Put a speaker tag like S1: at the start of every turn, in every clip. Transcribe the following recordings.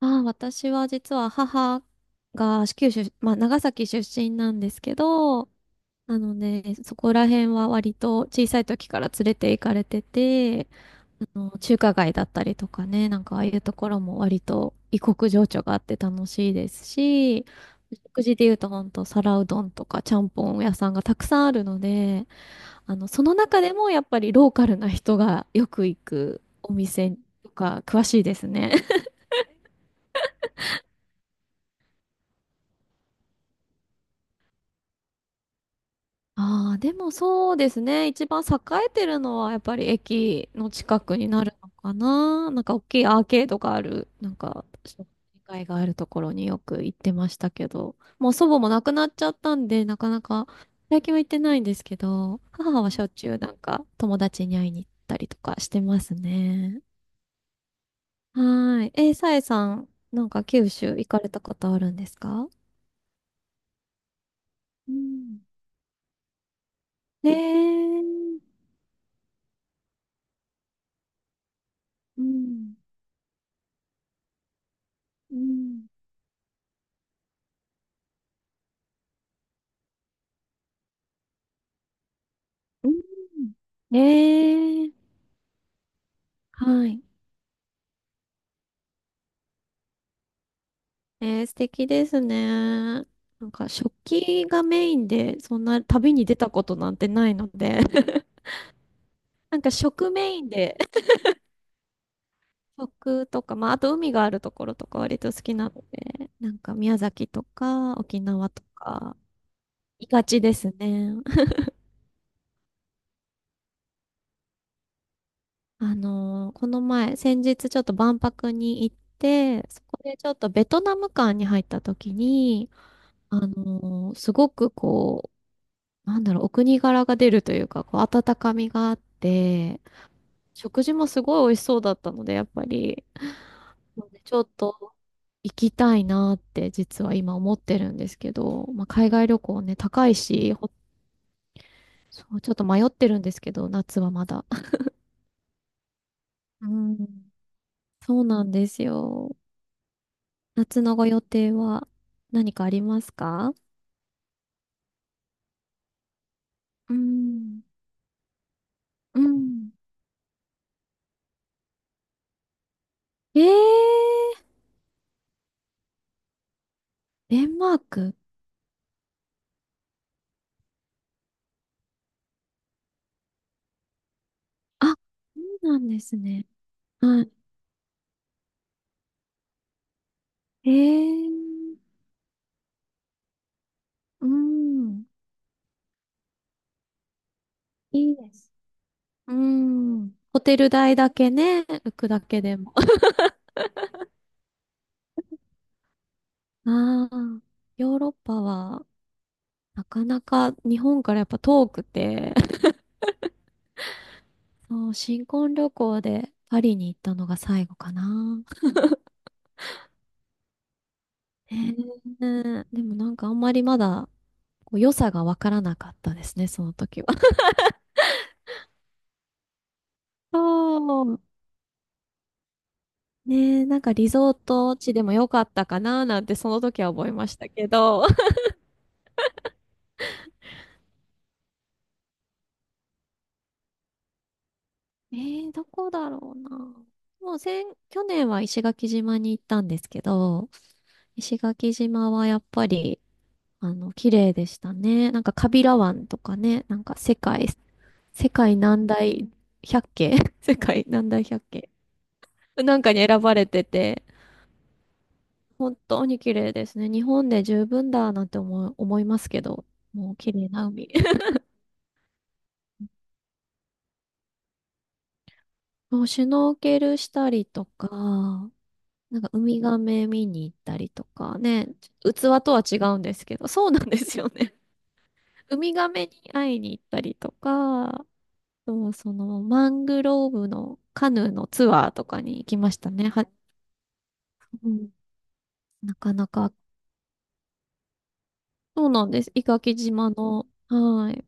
S1: ああ、私は実は母が九州、まあ、長崎出身なんですけど、なので、そこら辺は割と小さい時から連れて行かれてて、中華街だったりとかね、なんかああいうところも割と異国情緒があって楽しいですし、食事で言うと本当皿うどんとかちゃんぽん屋さんがたくさんあるので、その中でもやっぱりローカルな人がよく行くお店とか詳しいですね。ああ、でもそうですね。一番栄えてるのはやっぱり駅の近くになるのかな。なんか大きいアーケードがある、なんか商店街があるところによく行ってましたけど、もう祖母も亡くなっちゃったんで、なかなか最近は行ってないんですけど、母はしょっちゅうなんか友達に会いに行ったりとかしてますね。はーい。さえさん、なんか九州行かれたことあるんですか？うん。ねえ。うん。うんうん、ええ、はい。えー、素敵ですね。なんか食器がメインで、そんな旅に出たことなんてないので、なんか食メインで、食とか、まあ、あと海があるところとか割と好きなので、なんか宮崎とか沖縄とか、行きがちですね。この前、先日ちょっと万博に行って、そこでちょっとベトナム館に入った時に、すごくこう、なんだろう、お国柄が出るというか、こう、温かみがあって、食事もすごい美味しそうだったので、やっぱり、もうねちょっと行きたいなって実は今思ってるんですけど、まあ、海外旅行ね、高いし、そう、ちょっと迷ってるんですけど、夏はまだ。うん、そうなんですよ。夏のご予定は何かありますか？うん、うん。えー、デンマーク。あ、そうなんですね。はい。えーうん。いいです。うん。ホテル代だけね、浮くだけでも。ああ、ヨーロッパは、なかなか日本からやっぱ遠くて、そう、新婚旅行でパリに行ったのが最後かな。ねえ、でもなんかあんまりまだ、こう良さがわからなかったですね、その時は。そう。ねえ、なんかリゾート地でも良かったかななんてその時は思いましたけど。どこだろうな。もう去年は石垣島に行ったんですけど、石垣島はやっぱり、綺麗でしたね。なんか、カビラ湾とかね、なんか、世界何大百景 世界何大百景なんかに選ばれてて、本当に綺麗ですね。日本で十分だなんて思いますけど、もう綺麗な海。もう、シュノーケルしたりとか、なんかウミガメ見に行ったりとかね、器とは違うんですけど、そうなんですよね。ウミガメに会いに行ったりとか、そのマングローブのカヌーのツアーとかに行きましたね。は、うん、なかなか、そうなんです。伊垣島の、はい。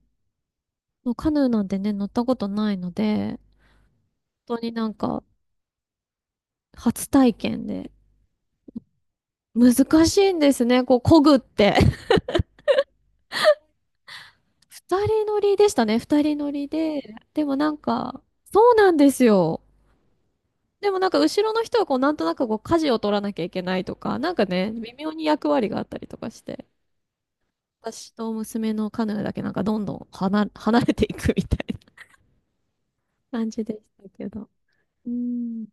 S1: もうカヌーなんてね、乗ったことないので、本当になんか初体験で、難しいんですね、こう、漕ぐって。二人乗りでしたね。二人乗りで。でもなんか、そうなんですよ。でもなんか後ろの人はこうなんとなくこう舵を取らなきゃいけないとか、なんかね、微妙に役割があったりとかして、私と娘のカヌーだけなんかどんどん離れていくみたいな感じでしたけど。うん。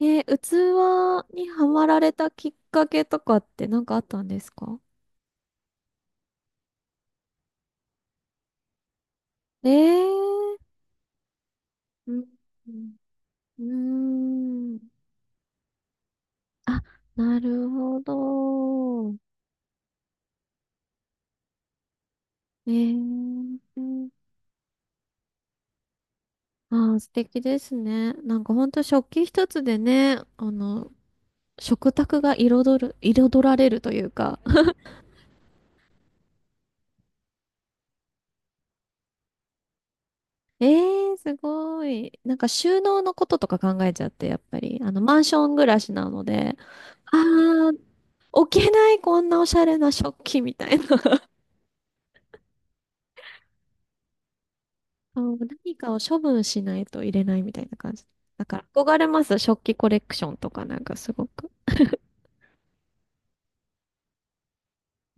S1: 器にはまられたきっかけとかってなんかあったんですか？えー、うん、うん、うーん、あ、なるほど。ええー、ああ、素敵ですね。なんかほんと食器一つでね、食卓が彩る、彩られるというか。えー、すごい。なんか収納のこととか考えちゃって、やっぱり。マンション暮らしなので、ああ、置けない、こんなおしゃれな食器みたいな。そう、何かを処分しないと入れないみたいな感じ。だから、憧れます。食器コレクションとかなんかすごく。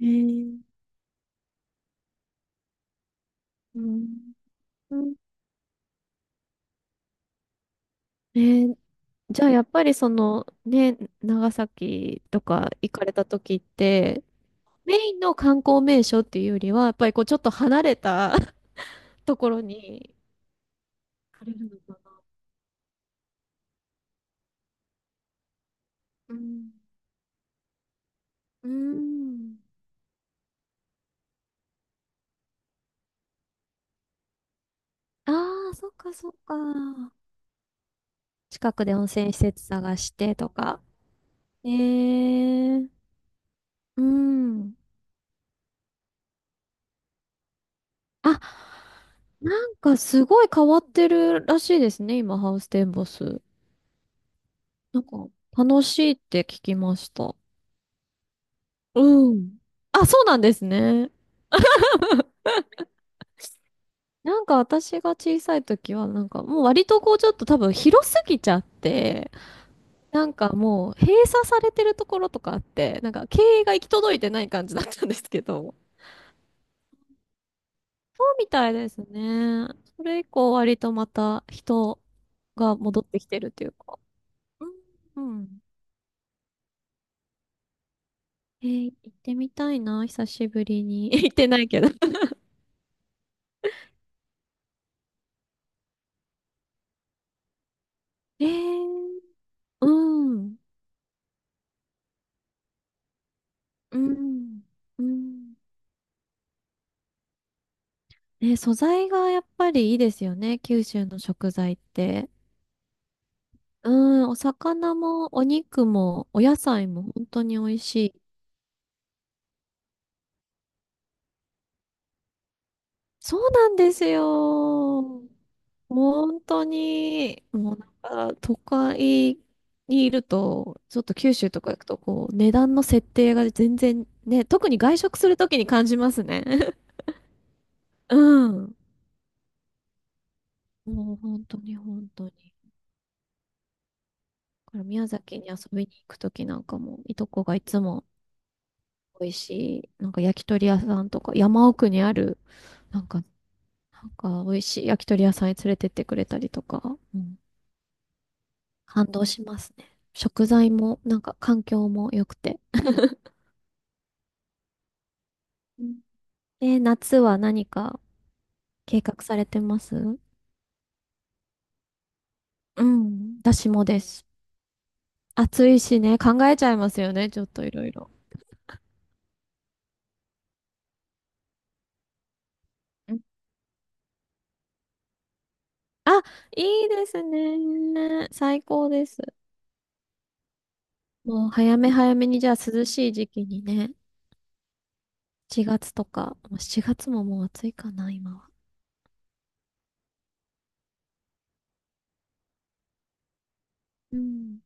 S1: ええ、うん。うん、えーじゃあやっぱりそのね、長崎とか行かれた時って、メインの観光名所っていうよりは、やっぱりこうちょっと離れた ところに行かれるのかな。うん。うん。ああ、そっかそっか。近くで温泉施設探してとか。ええー、うん。あ、なんかすごい変わってるらしいですね、今、ハウステンボス。なんか楽しいって聞きました。うん。あ、そうなんですね。なんか私が小さい時は、なんかもう割とこうちょっと多分広すぎちゃって、なんかもう閉鎖されてるところとかあって、なんか経営が行き届いてない感じだったんですけど、そうみたいですね。それ以降割とまた人が戻ってきてるというか。うん。うん、えー、行ってみたいな、久しぶりに。行ってないけど。えー、うん。うん。うん。ね、素材がやっぱりいいですよね、九州の食材って。うん、お魚もお肉もお野菜も本当に美味しい。そうなんですよ。本当に、もうなんか都会にいると、ちょっと九州とか行くとこう、値段の設定が全然ね、特に外食するときに感じますね。うん。もう本当に本当に。だから宮崎に遊びに行くときなんかも、いとこがいつも美味しい、なんか焼き鳥屋さんとか、山奥にある、なんか、なんか美味しい焼き鳥屋さんに連れてってくれたりとか、うん、感動しますね。食材も、なんか環境も良くて。うん、え、夏は何か計画されてます？うん、私もです。暑いしね、考えちゃいますよね、ちょっといろいろ。うん、あ、いいですね。最高です。もう早め早めに、じゃあ涼しい時期にね、7月とか、まあ7月ももう暑いかな、今は。うん